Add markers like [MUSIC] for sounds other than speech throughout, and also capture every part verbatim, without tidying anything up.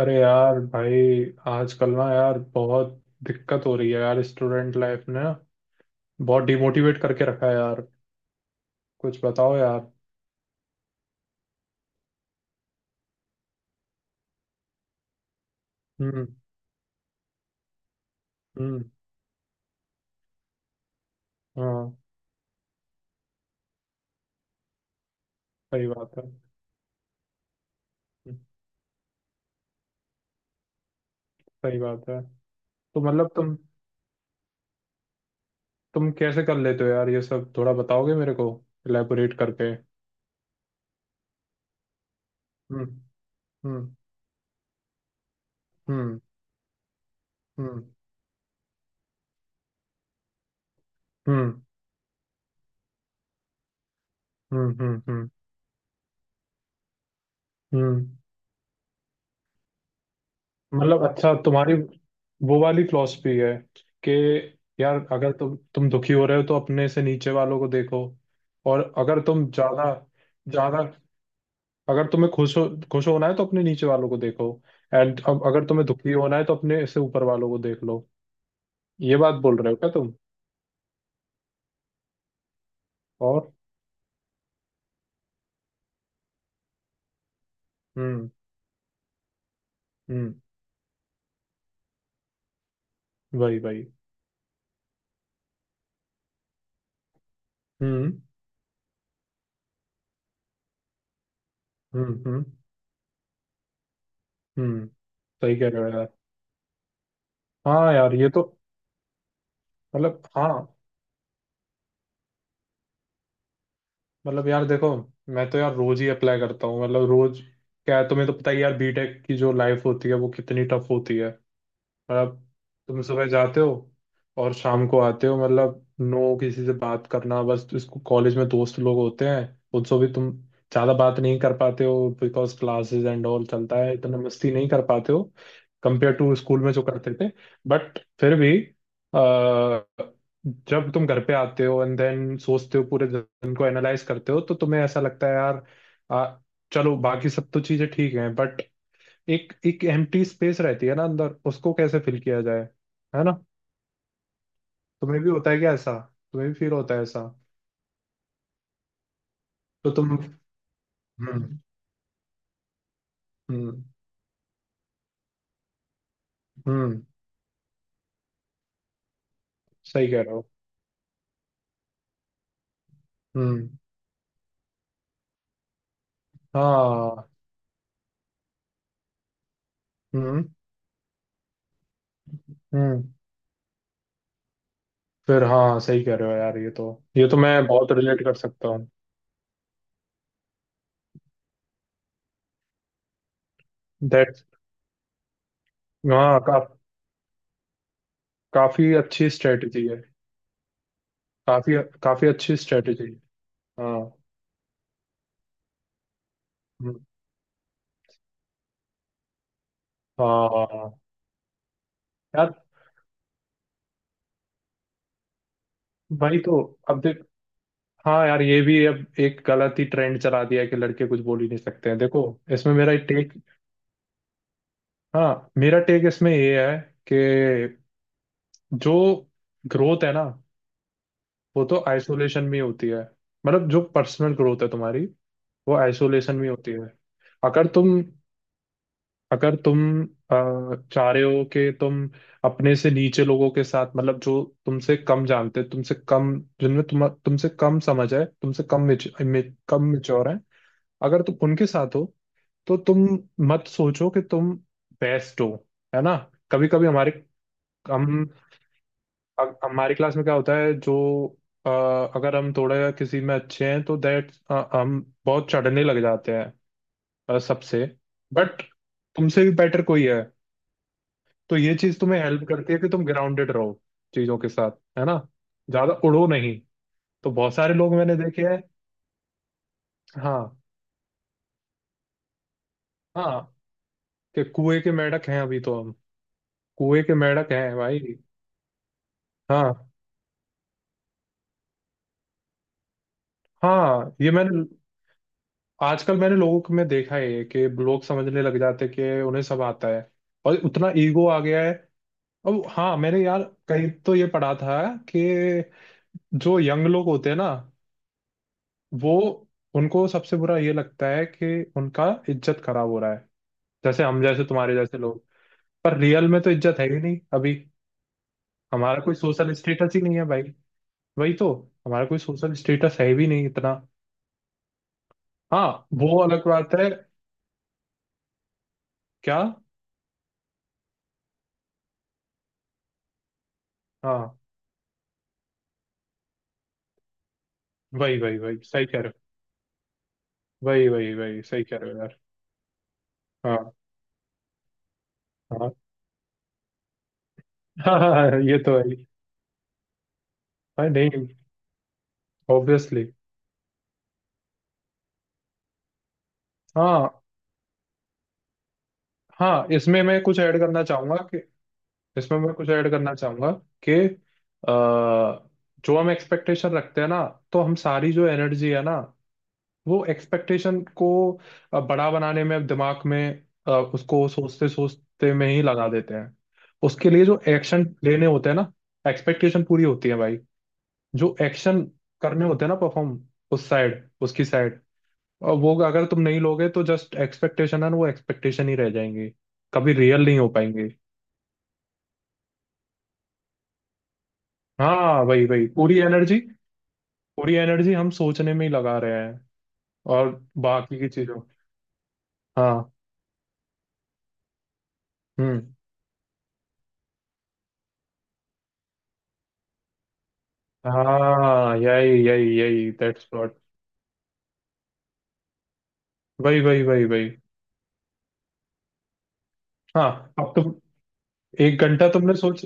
अरे यार भाई। आजकल ना यार बहुत दिक्कत हो रही है यार। स्टूडेंट लाइफ ने बहुत डिमोटिवेट करके रखा है यार। कुछ बताओ यार। हम्म। हम्म। हाँ, सही बात है। हम्म, सही बात है। तो मतलब तुम तुम कैसे कर लेते हो यार ये सब? थोड़ा बताओगे मेरे को इलेबोरेट करके। हम्म। हम्म। हम्म। हम्म। हम्म। हम्म। हम्म। हम्म। हम्म। मतलब अच्छा, तुम्हारी वो वाली फिलॉसफी है कि यार अगर तुम तुम दुखी हो रहे हो तो अपने से नीचे वालों को देखो, और अगर तुम ज्यादा ज्यादा अगर तुम्हें खुश हो खुश होना है तो अपने नीचे वालों को देखो, एंड अब अगर तुम्हें दुखी होना है तो अपने से ऊपर वालों को देख लो, ये बात बोल रहे हो क्या तुम? और। हम्म। हम्म। वही वही। हम्म। हम्म। हम्म। हम्म। सही कह रहे हो यार। हाँ यार, ये तो। मतलब हाँ। मतलब यार देखो, मैं तो यार रोज ही अप्लाई करता हूँ, मतलब रोज। क्या है, तुम्हें तो पता ही है यार, बीटेक की जो लाइफ होती है वो कितनी टफ होती है। मतलब तुम सुबह जाते हो और शाम को आते हो, मतलब नो किसी से बात करना। बस इसको, कॉलेज में दोस्त लोग होते हैं, उनसे भी तुम ज्यादा बात नहीं कर पाते हो बिकॉज क्लासेस एंड ऑल चलता है, इतना मस्ती नहीं कर पाते हो कंपेयर टू स्कूल में जो करते थे। बट फिर भी अ, जब तुम घर पे आते हो एंड देन सोचते हो, पूरे दिन को एनालाइज करते हो, तो तुम्हें ऐसा लगता है यार, आ, चलो बाकी सब तो चीजें ठीक हैं, बट एक एक एम्प्टी स्पेस रहती है ना अंदर, उसको कैसे फिल किया जाए? है ना? तुम्हें भी होता है क्या ऐसा? तुम्हें भी फील होता है ऐसा? तो तुम। हम्म। हम्म। हम्म। सही कह रहे हो। हम्म। हाँ। हम्म। हम्म। फिर हाँ, सही कह रहे हो यार, ये तो। ये तो मैं बहुत रिलेट कर सकता हूँ। दैट। हाँ का, काफी अच्छी स्ट्रेटजी है। काफी काफी अच्छी स्ट्रेटजी। हाँ। हम्म, हाँ। हाँ, हाँ। यार। भाई तो अब देख, हाँ यार, ये भी अब एक गलत ही ट्रेंड चला दिया है कि लड़के कुछ बोल ही नहीं सकते हैं, देखो। इसमें मेरा टेक, हाँ, मेरा टेक इसमें ये है कि जो ग्रोथ है ना, वो तो आइसोलेशन में होती है। मतलब जो पर्सनल ग्रोथ है तुम्हारी, वो आइसोलेशन में होती है। अगर तुम अगर तुम अ, चाह रहे हो कि तुम अपने से नीचे लोगों के साथ, मतलब जो तुमसे कम जानते हैं, तुमसे कम, जिनमें तुम तुमसे कम समझ है, तुमसे कम मिच, कम मेच्योर है, अगर तुम उनके साथ हो तो तुम मत सोचो कि तुम बेस्ट हो। है ना? कभी कभी हमारे, हम अ- हमारी क्लास में क्या होता है, जो अ, अगर हम थोड़े किसी में अच्छे हैं तो दैट हम बहुत चढ़ने लग जाते हैं। अ, सबसे बट तुमसे भी बेटर कोई है, तो ये चीज तुम्हें हेल्प करती है कि तुम ग्राउंडेड रहो चीजों के साथ। है ना? ज्यादा उड़ो नहीं। तो बहुत सारे लोग मैंने देखे हैं। हाँ, हाँ, कि कुएं के मेंढक हैं अभी तो हम। कुएं के मेंढक हैं भाई। हाँ। हाँ, ये मैंने, आजकल मैंने लोगों को में देखा है कि लोग समझने लग जाते हैं कि उन्हें सब आता है, और उतना ईगो आ गया है। अब हाँ, मैंने यार कहीं तो ये पढ़ा था कि जो यंग लोग होते हैं ना, वो उनको सबसे बुरा ये लगता है कि उनका इज्जत खराब हो रहा है, जैसे हम जैसे, तुम्हारे जैसे लोग। पर रियल में तो इज्जत है ही नहीं अभी। हमारा कोई सोशल स्टेटस ही नहीं है भाई। वही तो। हमारा कोई सोशल स्टेटस है भी नहीं इतना। हाँ, वो अलग बात है। क्या? हाँ, वही वही वही, सही कह रहे हो। वही वही वही, सही कह रहे हो यार। हाँ, हाँ, हाँ। [LAUGHS] हाँ, हाँ, ये तो है ही। भाई नहीं। ऑब्वियसली। हाँ, हाँ। इसमें मैं कुछ ऐड करना चाहूंगा कि। इसमें मैं कुछ ऐड करना चाहूंगा कि अ, जो हम एक्सपेक्टेशन रखते हैं ना, तो हम सारी जो एनर्जी है ना, वो एक्सपेक्टेशन को अ, बड़ा बनाने में, दिमाग में अ, उसको सोचते सोचते में ही लगा देते हैं। उसके लिए जो एक्शन लेने होते हैं ना एक्सपेक्टेशन पूरी होती है भाई, जो एक्शन करने होते हैं ना परफॉर्म उस साइड उसकी साइड, और वो अगर तुम नहीं लोगे तो जस्ट एक्सपेक्टेशन है ना, वो एक्सपेक्टेशन ही रह जाएंगे, कभी रियल नहीं हो पाएंगे। हाँ, वही वही। पूरी एनर्जी, पूरी एनर्जी हम सोचने में ही लगा रहे हैं। और बाकी की चीजों। हाँ। हम्म। हाँ, यही यही यही, दैट्स व्हाट। वही वही वही वही। हाँ। अब तुम एक घंटा तुमने सोच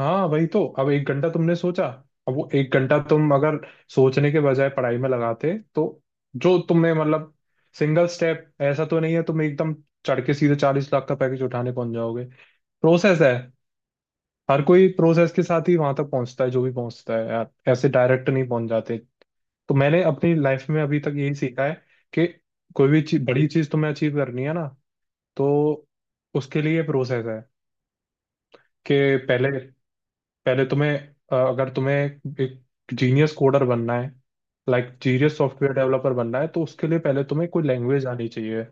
हाँ, वही तो, अब एक घंटा तुमने सोचा, अब वो एक घंटा तुम अगर सोचने के बजाय पढ़ाई में लगाते तो, जो तुम्हें मतलब, सिंगल स्टेप ऐसा तो नहीं है तुम एकदम चढ़ के सीधे चालीस लाख का पैकेज उठाने पहुंच जाओगे। प्रोसेस है। हर कोई प्रोसेस के साथ ही वहां तक पहुंचता है जो भी पहुंचता है यार, ऐसे डायरेक्ट नहीं पहुंच जाते। तो मैंने अपनी लाइफ में अभी तक यही सीखा है, कि कोई भी चीज बड़ी चीज तुम्हें अचीव करनी है ना, तो उसके लिए प्रोसेस है। कि पहले पहले तुम्हें अ, अगर तुम्हें एक जीनियस कोडर बनना है, लाइक जीनियस सॉफ्टवेयर डेवलपर बनना है, तो उसके लिए पहले तुम्हें कोई लैंग्वेज आनी चाहिए।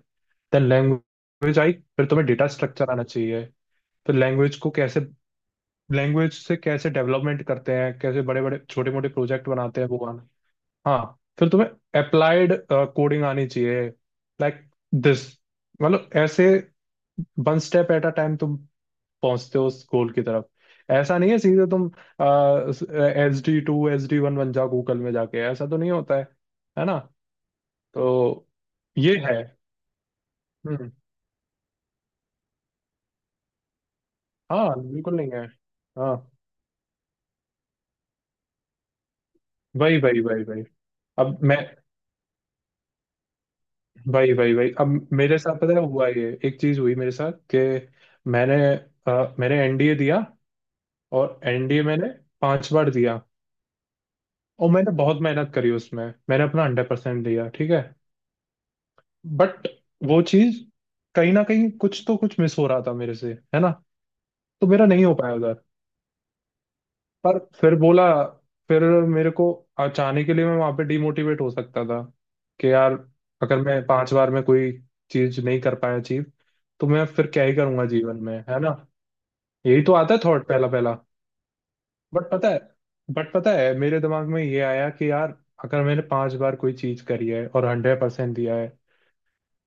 देन लैंग्वेज आई। फिर तुम्हें डेटा स्ट्रक्चर आना चाहिए। फिर लैंग्वेज को कैसे लैंग्वेज से कैसे डेवलपमेंट करते हैं, कैसे बड़े बड़े छोटे मोटे प्रोजेक्ट बनाते हैं वो आना। हाँ फिर तुम्हें अप्लाइड कोडिंग आनी चाहिए, लाइक दिस, मतलब ऐसे one step at a time तुम पहुंचते हो उस गोल की तरफ। ऐसा नहीं है सीधे तुम S D two S D one बन जाओ गूगल में जाके, ऐसा तो नहीं होता है। है ना? तो ये है। हम्म। हाँ, बिल्कुल नहीं है। हाँ, वही वही वही वही। अब मैं वही वही वही, अब मेरे साथ पता है हुआ, ये एक चीज हुई मेरे साथ कि मैंने अ, मैंने एन डी ए दिया, और एन डी ए मैंने पांच बार दिया, और मैंने बहुत मेहनत करी उसमें, मैंने अपना हंड्रेड परसेंट दिया, ठीक है। बट वो चीज, कहीं ना कहीं कुछ तो कुछ मिस हो रहा था मेरे से, है ना? तो मेरा नहीं हो पाया उधर। पर फिर बोला, फिर मेरे को आ- चाहने के लिए मैं वहां पे डिमोटिवेट हो सकता था कि यार, अगर मैं पांच बार में कोई चीज नहीं कर पाया अचीव, तो मैं फिर क्या ही करूंगा जीवन में, है ना? यही तो आता है थॉट, पहला पहला। बट पता है बट पता है मेरे दिमाग में ये आया कि यार, अगर मैंने पांच बार कोई चीज करी है और हंड्रेड परसेंट दिया है,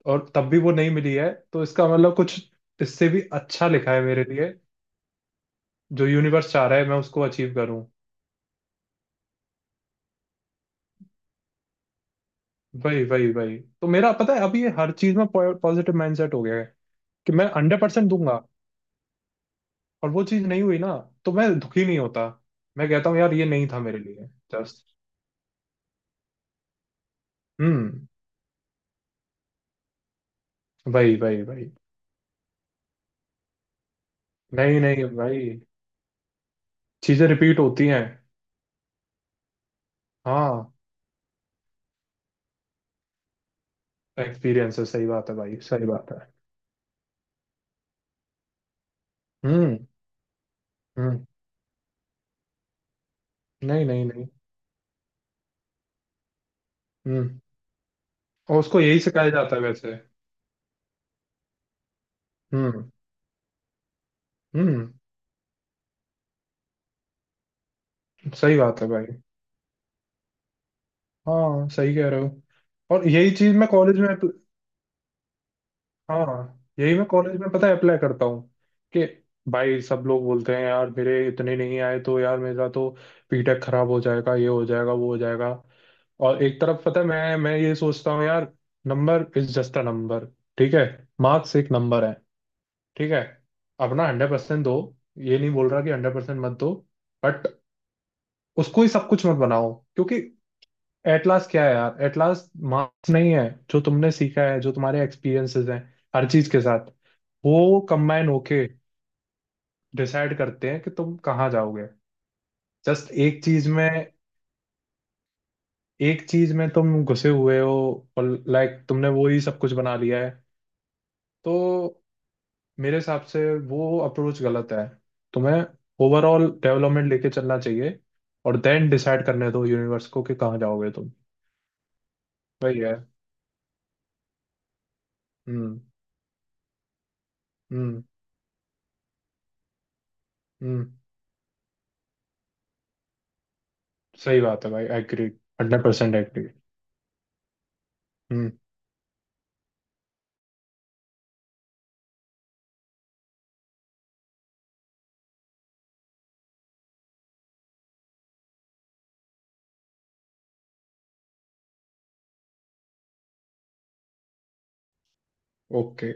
और तब भी वो नहीं मिली है, तो इसका मतलब कुछ इससे भी अच्छा लिखा है मेरे लिए, जो यूनिवर्स चाह रहा है मैं उसको अचीव करूं। वही वही वही, तो मेरा पता है अभी ये हर चीज में पॉजिटिव माइंडसेट हो गया है कि मैं हंड्रेड परसेंट दूंगा, और वो चीज नहीं हुई ना, तो मैं दुखी नहीं होता, मैं कहता हूँ यार, ये नहीं था मेरे लिए। जस्ट। हम्म। वही वही वही। नहीं नहीं भाई, चीजें रिपीट होती हैं। हाँ, एक्सपीरियंस है, सही बात है भाई, सही बात है। हम्म। हम्म। नहीं, नहीं, नहीं। हम्म। और उसको यही सिखाया जाता है वैसे। हम्म। हम्म। सही बात है भाई। हाँ, सही कह रहे हो। और यही चीज मैं कॉलेज में अप्ल- हाँ, यही मैं कॉलेज में पता है अप्लाई करता हूँ, कि भाई सब लोग बोलते हैं यार, मेरे इतने नहीं आए तो यार मेरा तो पीटेक खराब हो जाएगा, ये हो जाएगा, वो हो जाएगा। और एक तरफ पता है मैं मैं ये सोचता हूँ यार, number is just a number, ठीक है। मार्क्स एक नंबर है, ठीक है। अपना हंड्रेड परसेंट दो, ये नहीं बोल रहा कि हंड्रेड परसेंट मत दो, बट उसको ही सब कुछ मत बनाओ, क्योंकि एटलास क्या है यार? एटलास मार्क्स नहीं है। जो तुमने सीखा है, जो तुम्हारे एक्सपीरियंसेस हैं हर चीज के साथ, वो कंबाइन होके डिसाइड करते हैं कि तुम कहाँ जाओगे। जस्ट एक चीज में एक चीज में तुम घुसे हुए हो, और लाइक तुमने वो ही सब कुछ बना लिया है, तो मेरे हिसाब से वो अप्रोच गलत है। तुम्हें ओवरऑल डेवलपमेंट लेके चलना चाहिए, और देन डिसाइड करने दो यूनिवर्स को कि कहाँ जाओगे तुम। वही है। हम्म। हम्म। हम्म। सही बात है भाई, agree. Hundred percent agree. Hmm. Okay.